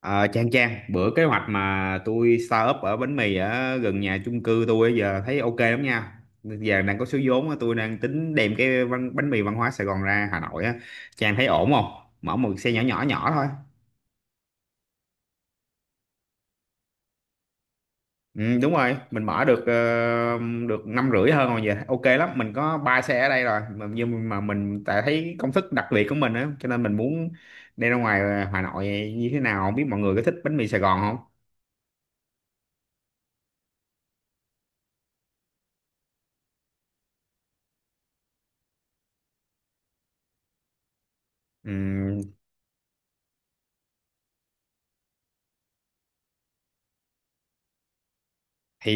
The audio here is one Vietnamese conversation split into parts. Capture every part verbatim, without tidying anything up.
Ờ, Trang Trang, bữa kế hoạch mà tôi start up ở bánh mì ở gần nhà chung cư tôi bây giờ thấy ok lắm nha. Giờ đang có số vốn á, tôi đang tính đem cái bánh, bánh mì văn hóa Sài Gòn ra Hà Nội á. Trang thấy ổn không? Mở một xe nhỏ nhỏ nhỏ thôi. Ừ, đúng rồi, mình mở được ờ, được năm rưỡi hơn rồi giờ ok lắm. Mình có ba xe ở đây rồi, mà, nhưng mà mình tại thấy công thức đặc biệt của mình á, cho nên mình muốn đem ra ngoài Hà Nội như thế nào. Không biết mọi người có thích bánh mì Sài Gòn không? Ừ, thì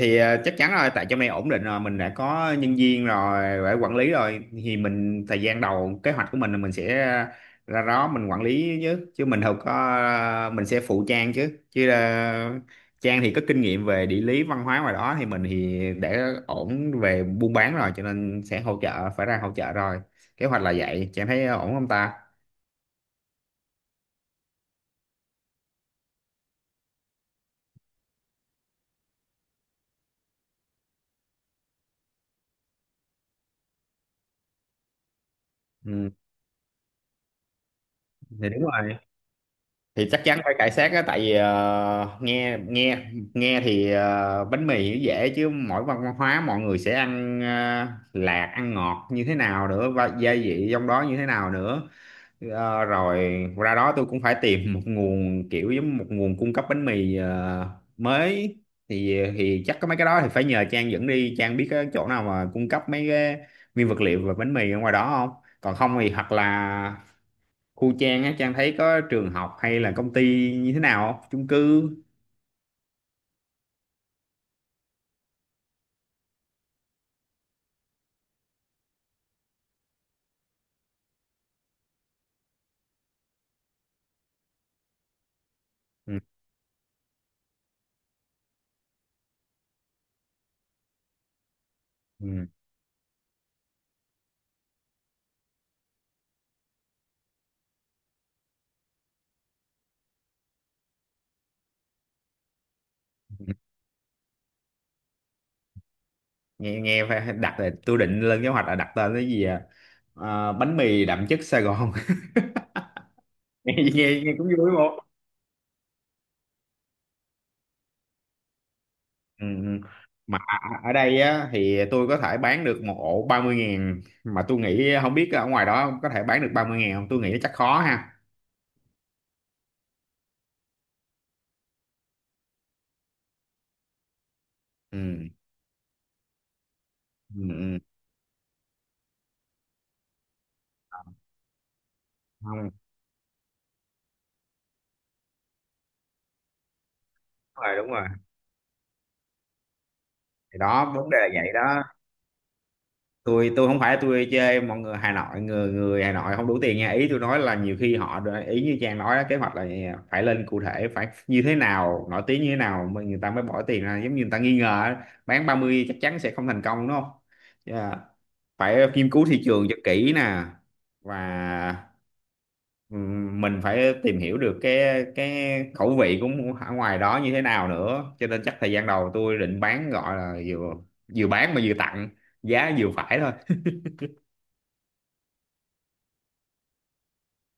thì ờ, chắc chắn rồi tại trong này ổn định rồi mình đã có nhân viên rồi đã quản lý rồi thì mình thời gian đầu kế hoạch của mình là mình sẽ ra đó mình quản lý chứ chứ mình không có mình sẽ phụ Trang chứ chứ là Trang thì có kinh nghiệm về địa lý văn hóa ngoài đó thì mình thì đã ổn về buôn bán rồi cho nên sẽ hỗ trợ phải ra hỗ trợ rồi kế hoạch là vậy Trang thấy ổn không ta. Ừ, thì đúng rồi thì chắc chắn phải cải xác á tại vì ờ, nghe nghe nghe thì ờ, bánh mì thì dễ chứ mỗi văn hóa mọi người sẽ ăn ờ, lạc ăn ngọt như thế nào nữa và gia vị trong đó như thế nào nữa. Ờ, rồi ra đó tôi cũng phải tìm một nguồn kiểu giống một nguồn cung cấp bánh mì ờ, mới thì thì chắc có mấy cái đó thì phải nhờ Trang dẫn đi Trang biết cái chỗ nào mà cung cấp mấy cái nguyên vật liệu và bánh mì ở ngoài đó không còn không thì hoặc là khu Trang á Trang thấy có trường học hay là công ty như thế nào không chung cư. Ừ. Ừ. Ừ. nghe nghe phải đặt là tôi định lên kế hoạch là đặt tên cái gì à? Ờ, bánh mì đậm chất Sài Gòn nghe, nghe, nghe cũng vui một. Ừ. Ừ. Mà ở đây á thì tôi có thể bán được một ổ ba mươi ngàn mà tôi nghĩ không biết ở ngoài đó có thể bán được ba mươi ngàn không tôi nghĩ chắc khó ha. Ừ. Ừ. Ừ. Không đúng rồi đúng rồi thì đó vấn đề là vậy đó. Tôi tôi không phải tôi chơi mọi người Hà Nội người người Hà Nội không đủ tiền nha ý tôi nói là nhiều khi họ ý như Trang nói đó, kế hoạch là phải lên cụ thể phải như thế nào nổi tiếng như thế nào mà người ta mới bỏ tiền ra giống như người ta nghi ngờ á, bán ba mươi chắc chắn sẽ không thành công đúng không. Yeah. Phải nghiên cứu thị trường cho kỹ nè và ừm, mình phải tìm hiểu được cái cái khẩu vị của ở ngoài đó như thế nào nữa cho nên chắc thời gian đầu tôi định bán gọi là vừa vừa bán mà vừa tặng giá vừa phải thôi.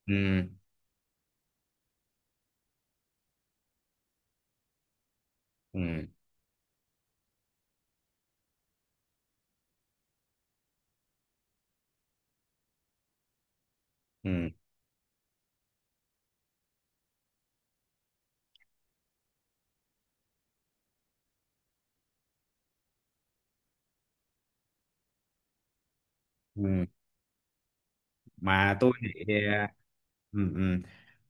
Ừ. Ừ, ừ, ừ. Mà tôi thì ờ, ừ, ừ.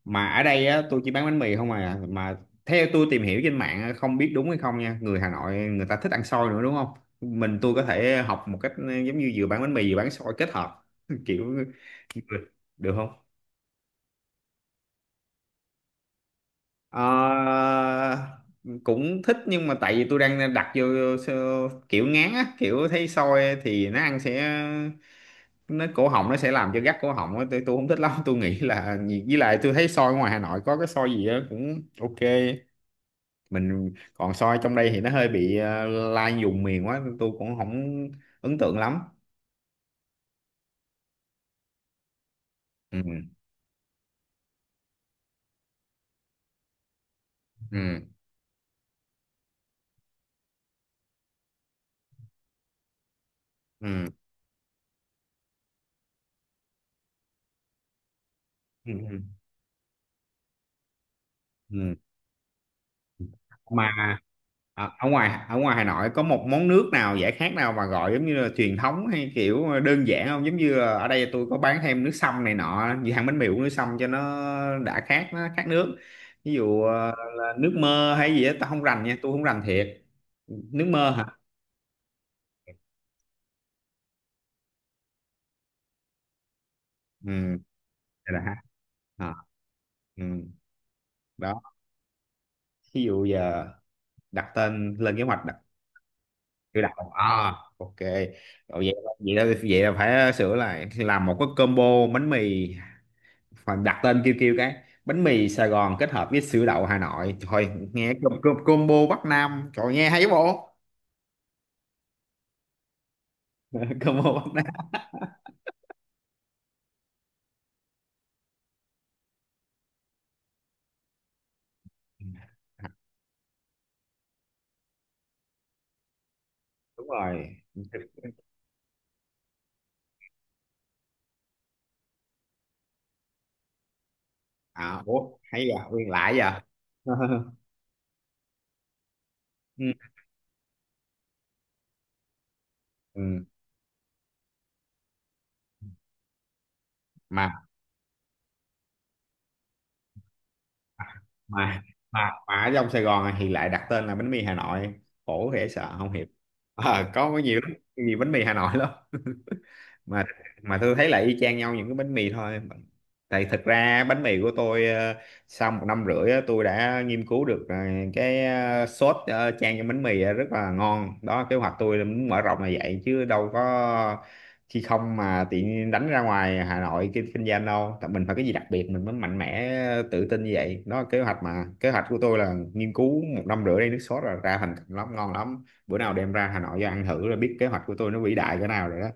Mà ở đây á tôi chỉ bán bánh mì không à mà theo tôi tìm hiểu trên mạng á, không biết đúng hay không nha người Hà Nội người ta thích ăn xôi nữa đúng không mình tôi có thể học một cách ờ, giống như vừa bán bánh mì vừa bán xôi kết hợp kiểu được không. Ờ, cũng thích nhưng mà tại vì tôi đang đặt vô, vô kiểu ngán á kiểu thấy xôi thì nó ăn sẽ nó cổ họng nó sẽ làm cho gắt cổ họng á tôi tôi không thích lắm tôi nghĩ là gì- với lại tôi thấy soi ngoài Hà Nội có cái soi gì á cũng ok mình còn soi trong đây thì nó hơi bị ờ, lai vùng miền quá tôi cũng không ấn tượng lắm. Ừ. Ừ. Ừ. Ừ, ừ. Ừ. Mà Ờ, ở ngoài ở ngoài Hà Nội có một món nước nào giải khát nào mà gọi giống như là truyền thống hay kiểu đơn giản không giống như là ở đây tôi có bán thêm nước sâm này nọ như hàng bánh mì uống nước sâm cho nó đã khát nó khát nước ví dụ ờ, là nước mơ hay gì đó tao không rành nha tôi không rành thiệt. Nước mơ hả? Ừ, đây là ha. Ờ, ừ. Đó ví dụ giờ đặt tên lên kế hoạch đặt chữ đặt à ok rồi vậy vậy là, vậy là phải sửa lại làm một cái combo bánh mì. Phải đặt tên kêu kêu cái bánh mì Sài Gòn kết hợp với sữa đậu Hà Nội thôi nghe com- com- combo Bắc Nam trời nghe hay bộ. Combo Bắc Nam. Đúng rồi. À, ủa hay giờ nguyên lại giờ. Ừ. Ừ. mà mà mà mà ở trong Sài Gòn thì lại đặt tên là bánh mì Hà Nội khổ dễ sợ không hiệp. À, có có nhiều lắm nhiều bánh mì Hà Nội lắm. mà mà tôi thấy là y chang nhau những cái bánh mì thôi tại thật ra bánh mì của tôi ờ, sau một năm rưỡi á, tôi đã nghiên cứu được ờ, cái ờ, sốt ờ, chan cho bánh mì á, rất là ngon đó kế hoạch tôi là muốn mở rộng là vậy chứ đâu có khi không mà tiện đánh ra ngoài Hà Nội kinh kinh doanh đâu tại mình phải cái gì đặc biệt mình mới mạnh mẽ ờ, tự tin như vậy đó kế hoạch mà kế hoạch của tôi là nghiên cứu một năm rưỡi đây nước sốt là ra thành công lắm ngon lắm bữa nào đem ra Hà Nội cho ăn thử là biết kế hoạch của tôi nó vĩ đại cỡ nào rồi đó.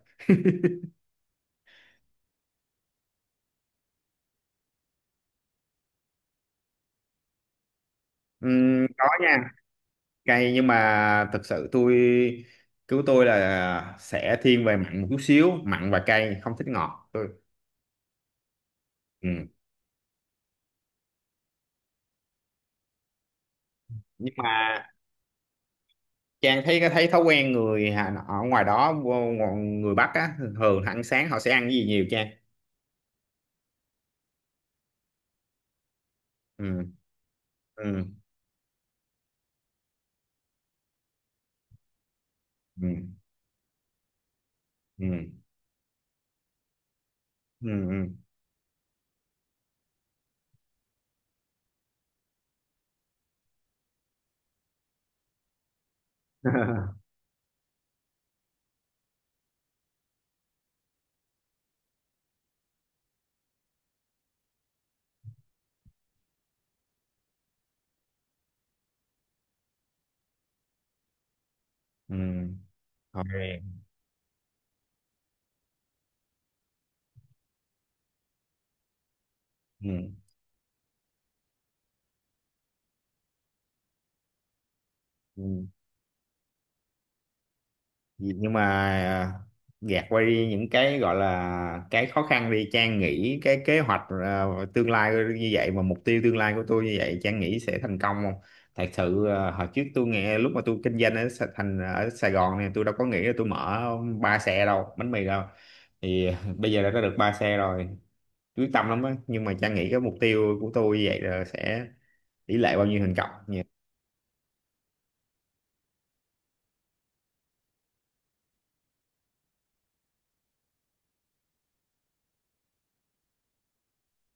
Ừm, có nha. Cay nhưng mà thực sự tôi cứu tôi là sẽ thiên về mặn một chút xíu mặn và cay không thích ngọt tôi. Ừ. Nhưng mà Trang thấy thấy thói quen người Hà Nội- ở ngoài đó người Bắc á thường ăn sáng họ sẽ ăn cái gì nhiều Trang. Ừ. Ừ. Ừ. Ừ. Ừ. Ừ. Ừ. Ok. Ừ. Ừ. Vì- nhưng mà à, gạt qua đi những cái gọi là cái khó khăn đi Trang nghĩ cái kế hoạch à, tương lai như vậy mà mục tiêu tương lai của tôi như vậy Trang nghĩ sẽ thành công không? Thật sự à, hồi trước tôi nghe lúc mà tôi kinh doanh ở Sa- thành ở Sài Gòn này tôi đâu có nghĩ là tôi mở ba xe đâu bánh mì đâu thì bây giờ đã có được ba xe rồi quyết tâm lắm á nhưng mà Trang nghĩ cái mục tiêu của tôi như vậy là sẽ tỷ lệ bao nhiêu thành công nhỉ.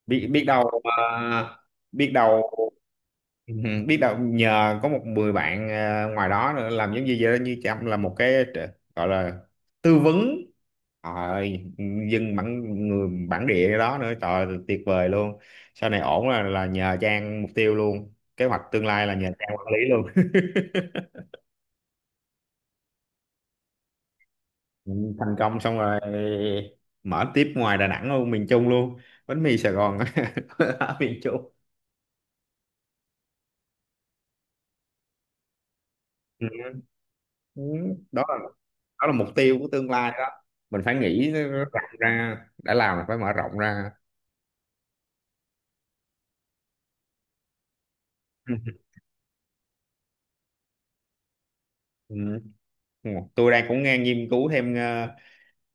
Biết biết đâu. À, biết đâu. Ừ, biết đâu nhờ có một mười bạn ờ, ngoài đó nữa làm giống như vậy đó, như Trâm là một cái tr- gọi là tư vấn trời ơi dân bản người bản địa đó nữa trời ơi, tuyệt vời luôn sau này ổn là là nhờ Trang mục tiêu luôn kế hoạch tương lai là nhờ Trang quản lý luôn. Ừ, thành công xong rồi mở tiếp ngoài Đà Nẵng luôn miền Trung luôn bánh mì Sài Gòn. Ở miền Trung. Ừ, Ừ, đó là đó là mục tiêu của tương lai đó mình phải nghĩ nó rộng ra đã làm là phải mở rộng ra. Ừ. Ừ. Tôi đang cũng nghe nghiên cứu thêm ờ,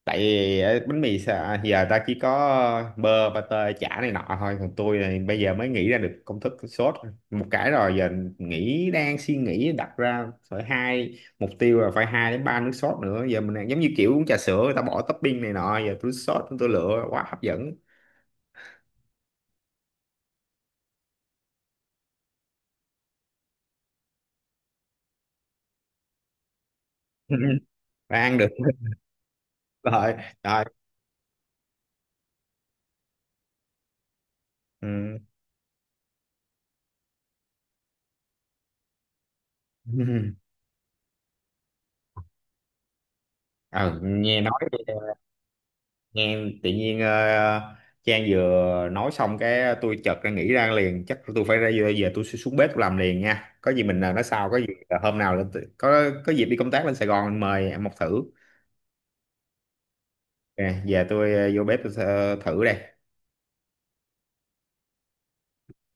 tại vì ờ, bánh mì xà- à, giờ ta chỉ có ờ, bơ pate chả này nọ thôi còn tôi này bây giờ mới nghĩ ra được công thức sốt một cái rồi giờ nghĩ đang suy nghĩ đặt ra phải hai mục tiêu là phải hai đến ba nước sốt nữa giờ mình đang giống như kiểu uống trà sữa người ta bỏ topping này nọ giờ tôi sốt tôi lựa quá hấp dẫn. Và ăn được. Rồi. Rồi. Ừ. Ừ, nghe nói nghe tự nhiên ờ, Trang vừa nói xong cái tôi chợt ra nghĩ ra liền chắc tôi phải ra giờ, giờ tôi sẽ xuống bếp tôi làm liền nha có gì mình ờ, nói sau có gì ờ, hôm nào lên tự- có có dịp đi công tác lên Sài Gòn mời em một thử. Ok, giờ tôi ờ, vô bếp tôi ờ, thử đây.